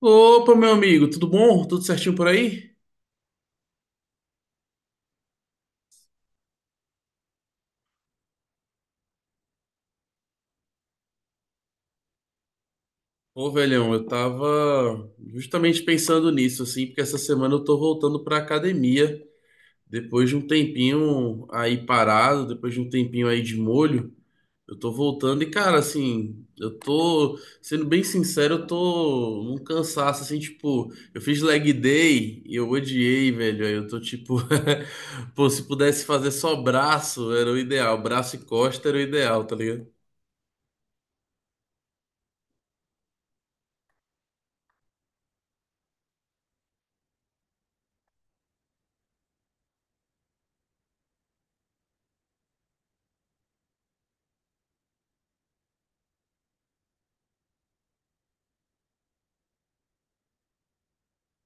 Opa, meu amigo, tudo bom? Tudo certinho por aí? Ô, velhão, eu tava justamente pensando nisso, assim, porque essa semana eu tô voltando pra academia. Depois de um tempinho aí parado, depois de um tempinho aí de molho, eu tô voltando e, cara, assim, eu tô, sendo bem sincero, eu tô num cansaço, assim, tipo, eu fiz leg day e eu odiei, velho. Aí eu tô tipo, pô, se pudesse fazer só braço, era o ideal, braço e costa era o ideal, tá ligado?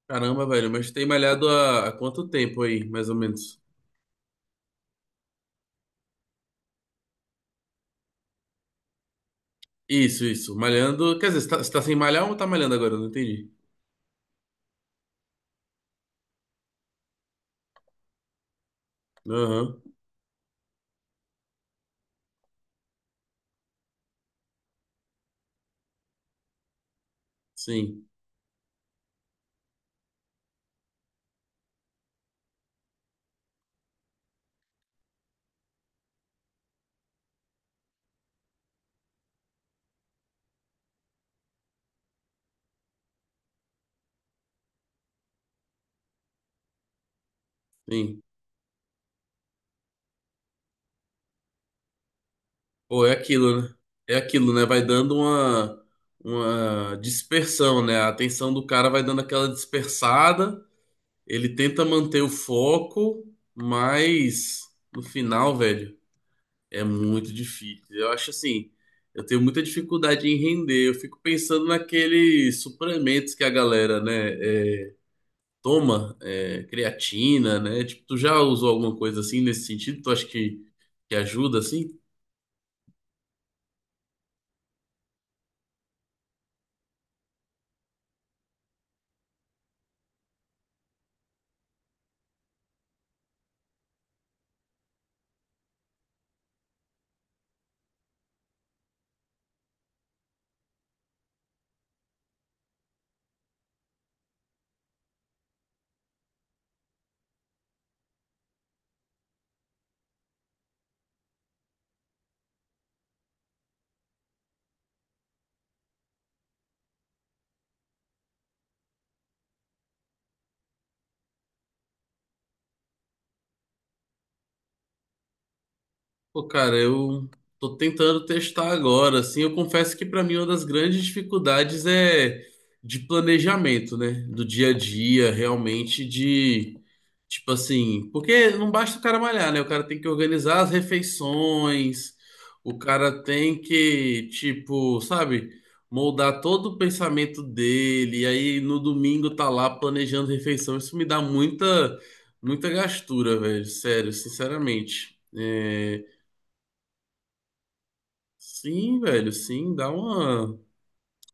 Caramba, velho, mas tem malhado há quanto tempo aí, mais ou menos? Isso, isso. Malhando. Quer dizer, você tá sem malhar ou tá malhando agora? Eu não entendi. Aham. Sim, sim. Pô, é aquilo, né? É aquilo, né? Vai dando uma dispersão, né? A atenção do cara vai dando aquela dispersada. Ele tenta manter o foco, mas no final, velho. É muito difícil. Eu acho assim, eu tenho muita dificuldade em render. Eu fico pensando naqueles suplementos que a galera, né, é, toma, é, creatina, né? Tipo, tu já usou alguma coisa assim nesse sentido? Tu acha que ajuda assim? Pô, cara, eu tô tentando testar agora, assim. Eu confesso que pra mim uma das grandes dificuldades é de planejamento, né? Do dia a dia, realmente de tipo assim, porque não basta o cara malhar, né? O cara tem que organizar as refeições, o cara tem que, tipo, sabe, moldar todo o pensamento dele, e aí no domingo tá lá planejando refeição. Isso me dá muita, muita gastura, velho, sério, sinceramente. É, sim, velho, sim,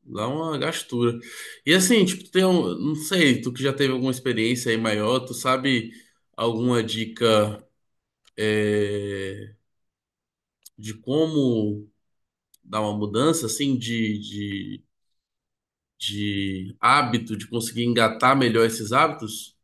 dá uma gastura. E assim, tipo, tem um, não sei, tu que já teve alguma experiência aí maior, tu sabe alguma dica? é, de como dar uma mudança assim de hábito, de conseguir engatar melhor esses hábitos.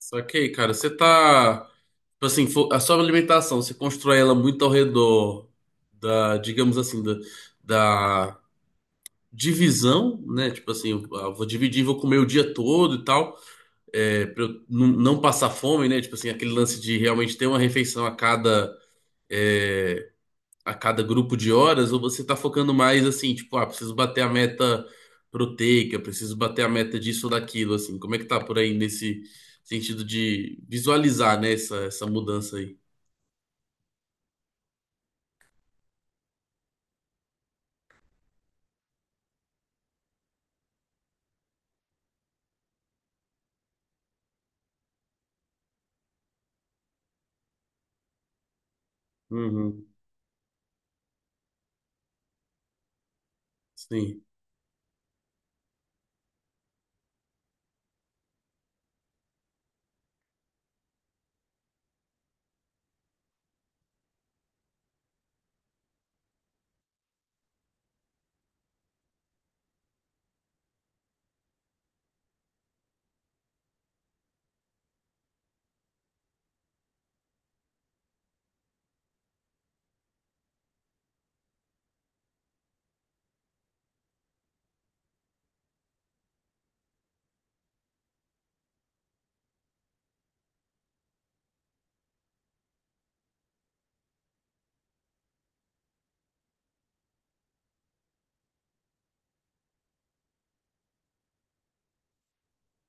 Só que aí, cara, você tá. Tipo assim, a sua alimentação, você constrói ela muito ao redor da, digamos assim, da, da divisão, né? Tipo assim, eu ah, vou dividir, vou comer o dia todo e tal, é, pra eu não passar fome, né? Tipo assim, aquele lance de realmente ter uma refeição a cada. eh, a cada grupo de horas, ou você tá focando mais assim, tipo, ah, preciso bater a meta proteica, preciso bater a meta disso ou daquilo, assim. Como é que tá por aí nesse sentido de visualizar, né, essa mudança aí? Uhum, sim.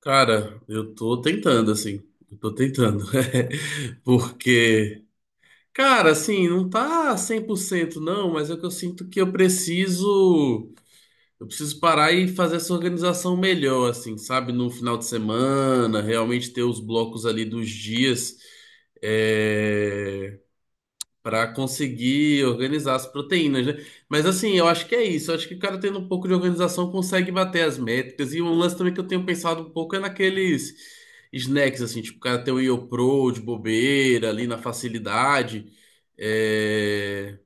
Cara, eu tô tentando, assim. Eu tô tentando. Porque, cara, assim, não tá 100% não, mas é que eu sinto que eu preciso. Eu preciso parar e fazer essa organização melhor, assim, sabe? No final de semana, realmente ter os blocos ali dos dias é... Para conseguir organizar as proteínas, né? Mas assim, eu acho que é isso. Eu acho que o cara tendo um pouco de organização consegue bater as métricas. E um lance também que eu tenho pensado um pouco é naqueles snacks, assim, tipo, o cara ter o YoPro de bobeira ali na facilidade. é,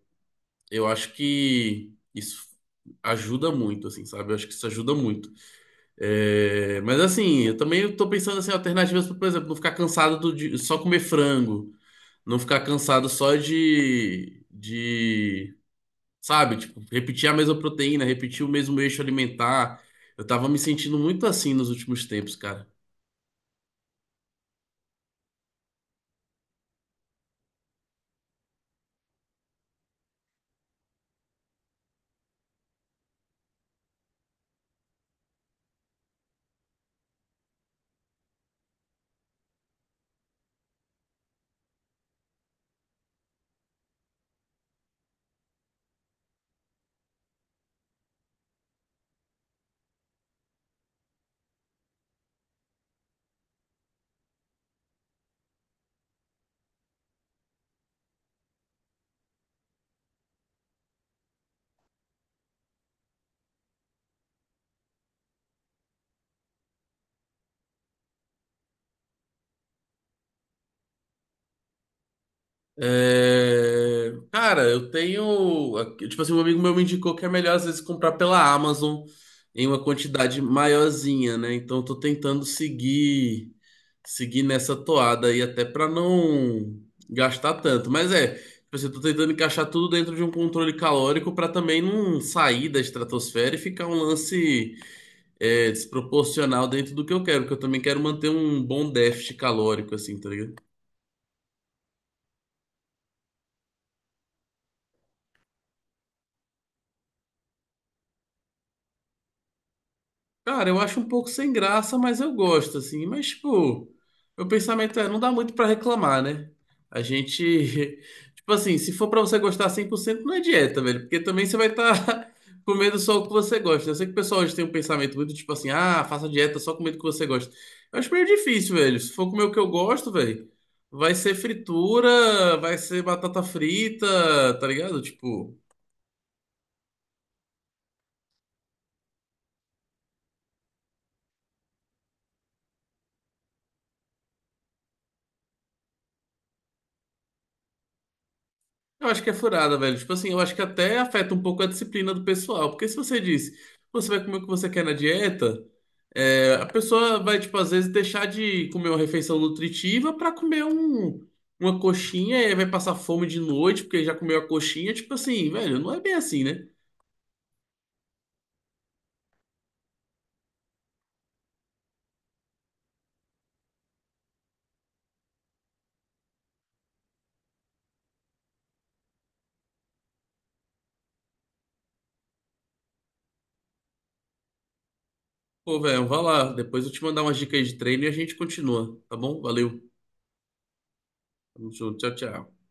eu acho que isso ajuda muito, assim, sabe? Eu acho que isso ajuda muito. É, mas assim, eu também tô pensando assim, alternativas, pra, por exemplo, não ficar cansado de só comer frango, não ficar cansado só sabe, tipo, repetir a mesma proteína, repetir o mesmo eixo alimentar. Eu tava me sentindo muito assim nos últimos tempos, cara. É, cara, eu tenho. Tipo assim, um amigo meu me indicou que é melhor às vezes comprar pela Amazon em uma quantidade maiorzinha, né? Então eu tô tentando seguir nessa toada aí até pra não gastar tanto. Mas é, tipo assim, eu tô tentando encaixar tudo dentro de um controle calórico pra também não sair da estratosfera e ficar um lance desproporcional dentro do que eu quero, porque eu também quero manter um bom déficit calórico, assim, tá ligado? Cara, eu acho um pouco sem graça, mas eu gosto, assim. Mas, tipo, meu pensamento é, não dá muito pra reclamar, né? A gente, tipo assim, se for pra você gostar 100%, não é dieta, velho. Porque também você vai estar comendo só o que você gosta. Eu sei que o pessoal hoje tem um pensamento muito, tipo assim, ah, faça dieta só comendo o que você gosta. Eu acho meio difícil, velho. Se for comer o que eu gosto, velho, vai ser fritura, vai ser batata frita, tá ligado? Tipo... Eu acho que é furada, velho. Tipo assim, eu acho que até afeta um pouco a disciplina do pessoal. Porque se você diz, você vai comer o que você quer na dieta, é, a pessoa vai, tipo, às vezes deixar de comer uma refeição nutritiva pra comer um, uma coxinha e aí vai passar fome de noite porque já comeu a coxinha. Tipo assim, velho, não é bem assim, né? Pô, velho, vai lá. Depois eu te mandar umas dicas aí de treino e a gente continua, tá bom? Valeu. Tamo junto. Tchau, tchau.